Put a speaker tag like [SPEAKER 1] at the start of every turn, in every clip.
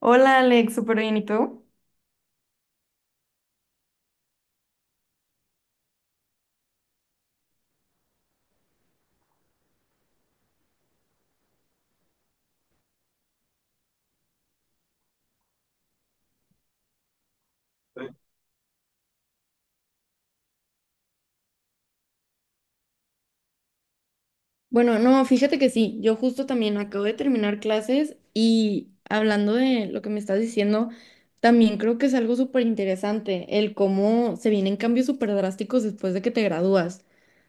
[SPEAKER 1] Hola Alex, súper bien, ¿y tú? Bueno, no, fíjate que sí, yo justo también acabo de terminar clases y hablando de lo que me estás diciendo, también creo que es algo súper interesante el cómo se vienen cambios súper drásticos después de que te gradúas.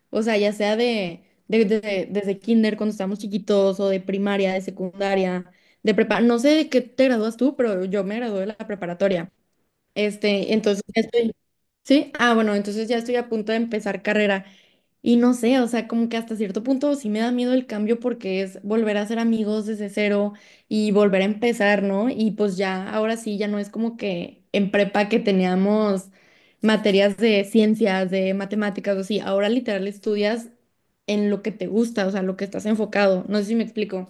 [SPEAKER 1] O sea, ya sea desde kinder cuando estábamos chiquitos o de primaria, de secundaria, de prepa, no sé de qué te gradúas tú, pero yo me gradué de la preparatoria. Entonces ya estoy, ¿sí? Ah, bueno, entonces ya estoy a punto de empezar carrera. Y no sé, o sea, como que hasta cierto punto sí me da miedo el cambio porque es volver a ser amigos desde cero y volver a empezar, ¿no? Y pues ya, ahora sí, ya no es como que en prepa que teníamos materias de ciencias, de matemáticas o así, ahora literal estudias en lo que te gusta, o sea, lo que estás enfocado. No sé si me explico.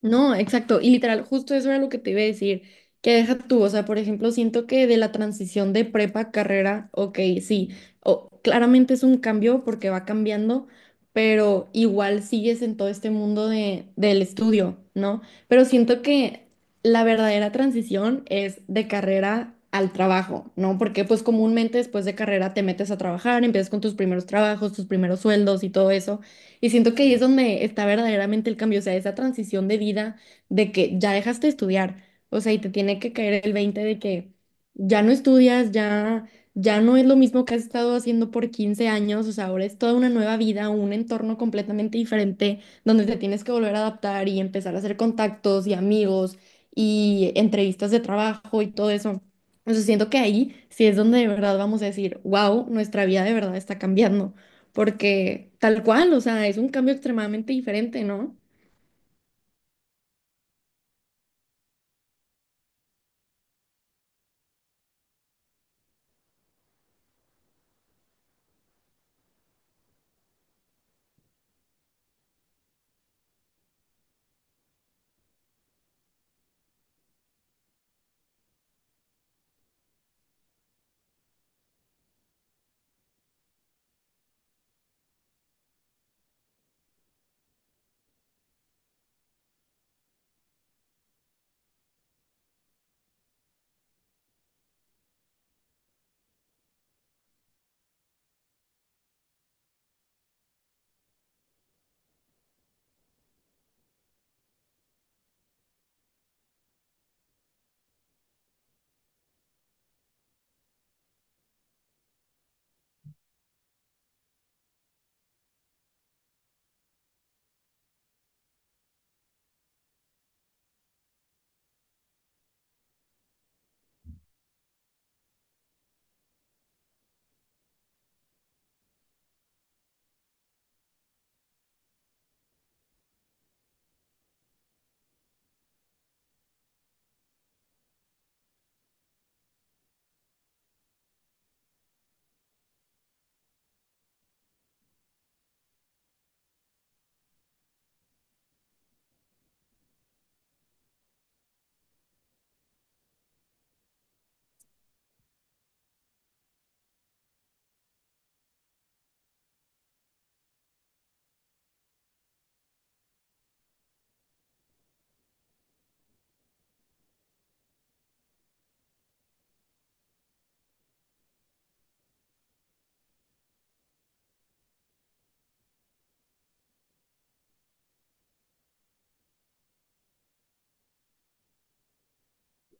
[SPEAKER 1] No, exacto. Y literal, justo eso era lo que te iba a decir. Que deja tú, o sea, por ejemplo, siento que de la transición de prepa a carrera, ok, sí, o claramente es un cambio porque va cambiando, pero igual sigues en todo este mundo del estudio, ¿no? Pero siento que la verdadera transición es de carrera al trabajo, ¿no? Porque pues comúnmente después de carrera te metes a trabajar, empiezas con tus primeros trabajos, tus primeros sueldos y todo eso. Y siento que ahí es donde está verdaderamente el cambio, o sea, esa transición de vida de que ya dejaste de estudiar, o sea, y te tiene que caer el 20 de que ya no estudias, ya, ya no es lo mismo que has estado haciendo por 15 años, o sea, ahora es toda una nueva vida, un entorno completamente diferente, donde te tienes que volver a adaptar y empezar a hacer contactos y amigos y entrevistas de trabajo y todo eso. Entonces siento que ahí sí es donde de verdad vamos a decir, wow, nuestra vida de verdad está cambiando porque tal cual, o sea, es un cambio extremadamente diferente, ¿no?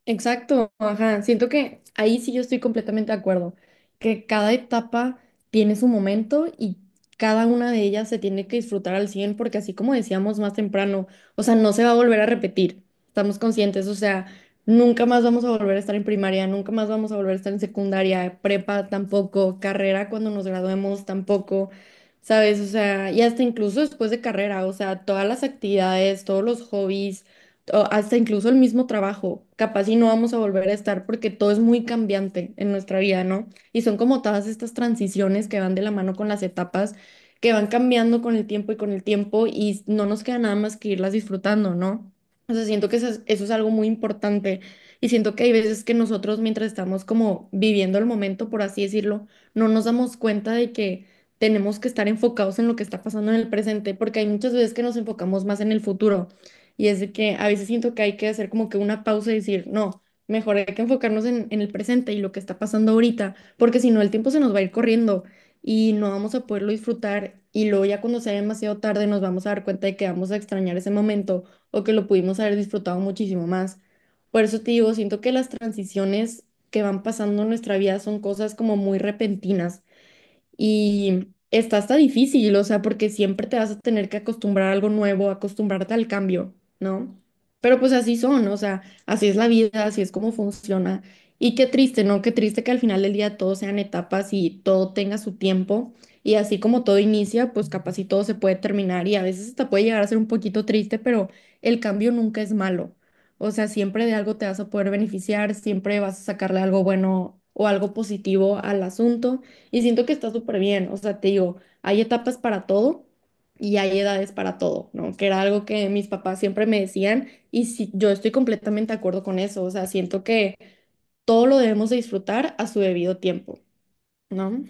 [SPEAKER 1] Exacto, ajá. Siento que ahí sí yo estoy completamente de acuerdo, que cada etapa tiene su momento y cada una de ellas se tiene que disfrutar al 100 porque así como decíamos más temprano, o sea, no se va a volver a repetir, estamos conscientes, o sea, nunca más vamos a volver a estar en primaria, nunca más vamos a volver a estar en secundaria, prepa tampoco, carrera cuando nos graduemos tampoco, ¿sabes? O sea, y hasta incluso después de carrera, o sea, todas las actividades, todos los hobbies o hasta incluso el mismo trabajo, capaz y no vamos a volver a estar porque todo es muy cambiante en nuestra vida, ¿no? Y son como todas estas transiciones que van de la mano con las etapas, que van cambiando con el tiempo y con el tiempo y no nos queda nada más que irlas disfrutando, ¿no? O sea, siento que eso es algo muy importante y siento que hay veces que nosotros mientras estamos como viviendo el momento, por así decirlo, no nos damos cuenta de que tenemos que estar enfocados en lo que está pasando en el presente, porque hay muchas veces que nos enfocamos más en el futuro y es de que a veces siento que hay que hacer como que una pausa y decir, no, mejor hay que enfocarnos en el presente y lo que está pasando ahorita, porque si no el tiempo se nos va a ir corriendo y no vamos a poderlo disfrutar y luego ya cuando sea demasiado tarde nos vamos a dar cuenta de que vamos a extrañar ese momento o que lo pudimos haber disfrutado muchísimo más. Por eso te digo, siento que las transiciones que van pasando en nuestra vida son cosas como muy repentinas y está hasta difícil, o sea, porque siempre te vas a tener que acostumbrar a algo nuevo, acostumbrarte al cambio, ¿no? Pero pues así son, o sea, así es la vida, así es como funciona. Y qué triste, ¿no? Qué triste que al final del día todo sean etapas y todo tenga su tiempo. Y así como todo inicia, pues capaz y todo se puede terminar y a veces hasta puede llegar a ser un poquito triste, pero el cambio nunca es malo. O sea, siempre de algo te vas a poder beneficiar, siempre vas a sacarle algo bueno o algo positivo al asunto. Y siento que está súper bien, o sea, te digo, hay etapas para todo y hay edades para todo, ¿no? Que era algo que mis papás siempre me decían y sí, yo estoy completamente de acuerdo con eso, o sea, siento que todo lo debemos de disfrutar a su debido tiempo, ¿no?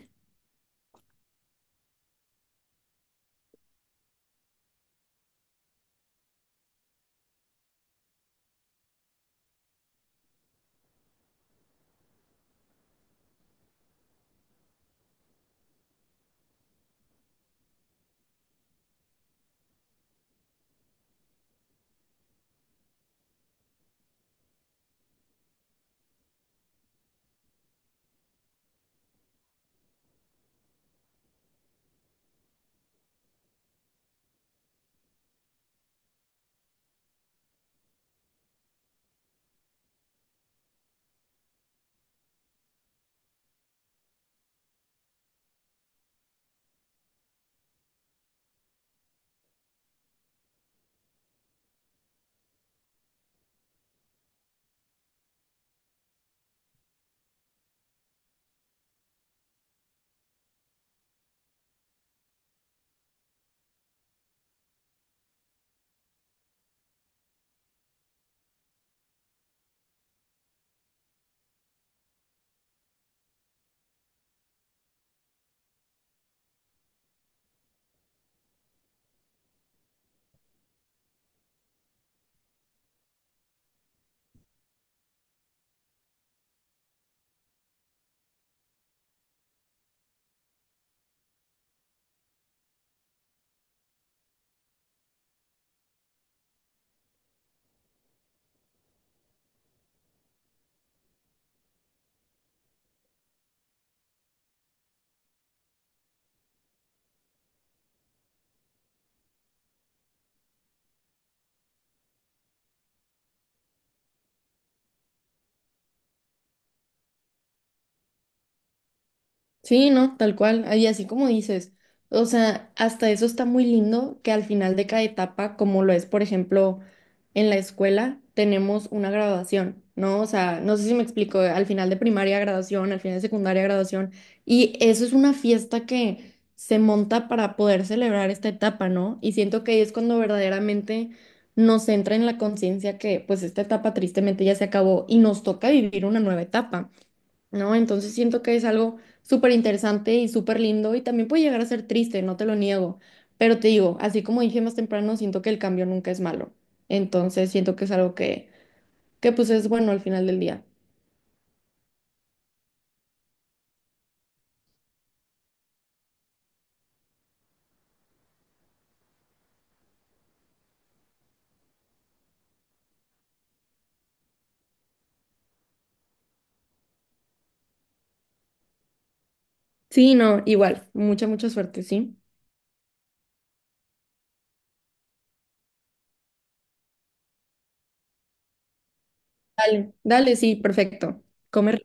[SPEAKER 1] Sí, no, tal cual. Y así como dices, o sea, hasta eso está muy lindo que al final de cada etapa, como lo es, por ejemplo, en la escuela, tenemos una graduación, ¿no? O sea, no sé si me explico, al final de primaria graduación, al final de secundaria graduación, y eso es una fiesta que se monta para poder celebrar esta etapa, ¿no? Y siento que ahí es cuando verdaderamente nos entra en la conciencia que pues esta etapa tristemente ya se acabó y nos toca vivir una nueva etapa. ¿No? Entonces siento que es algo súper interesante y súper lindo y también puede llegar a ser triste, no te lo niego, pero te digo, así como dije más temprano, siento que el cambio nunca es malo, entonces siento que es algo que pues es bueno al final del día. Sí, no, igual, mucha, mucha suerte, ¿sí? Dale, dale, sí, perfecto. Come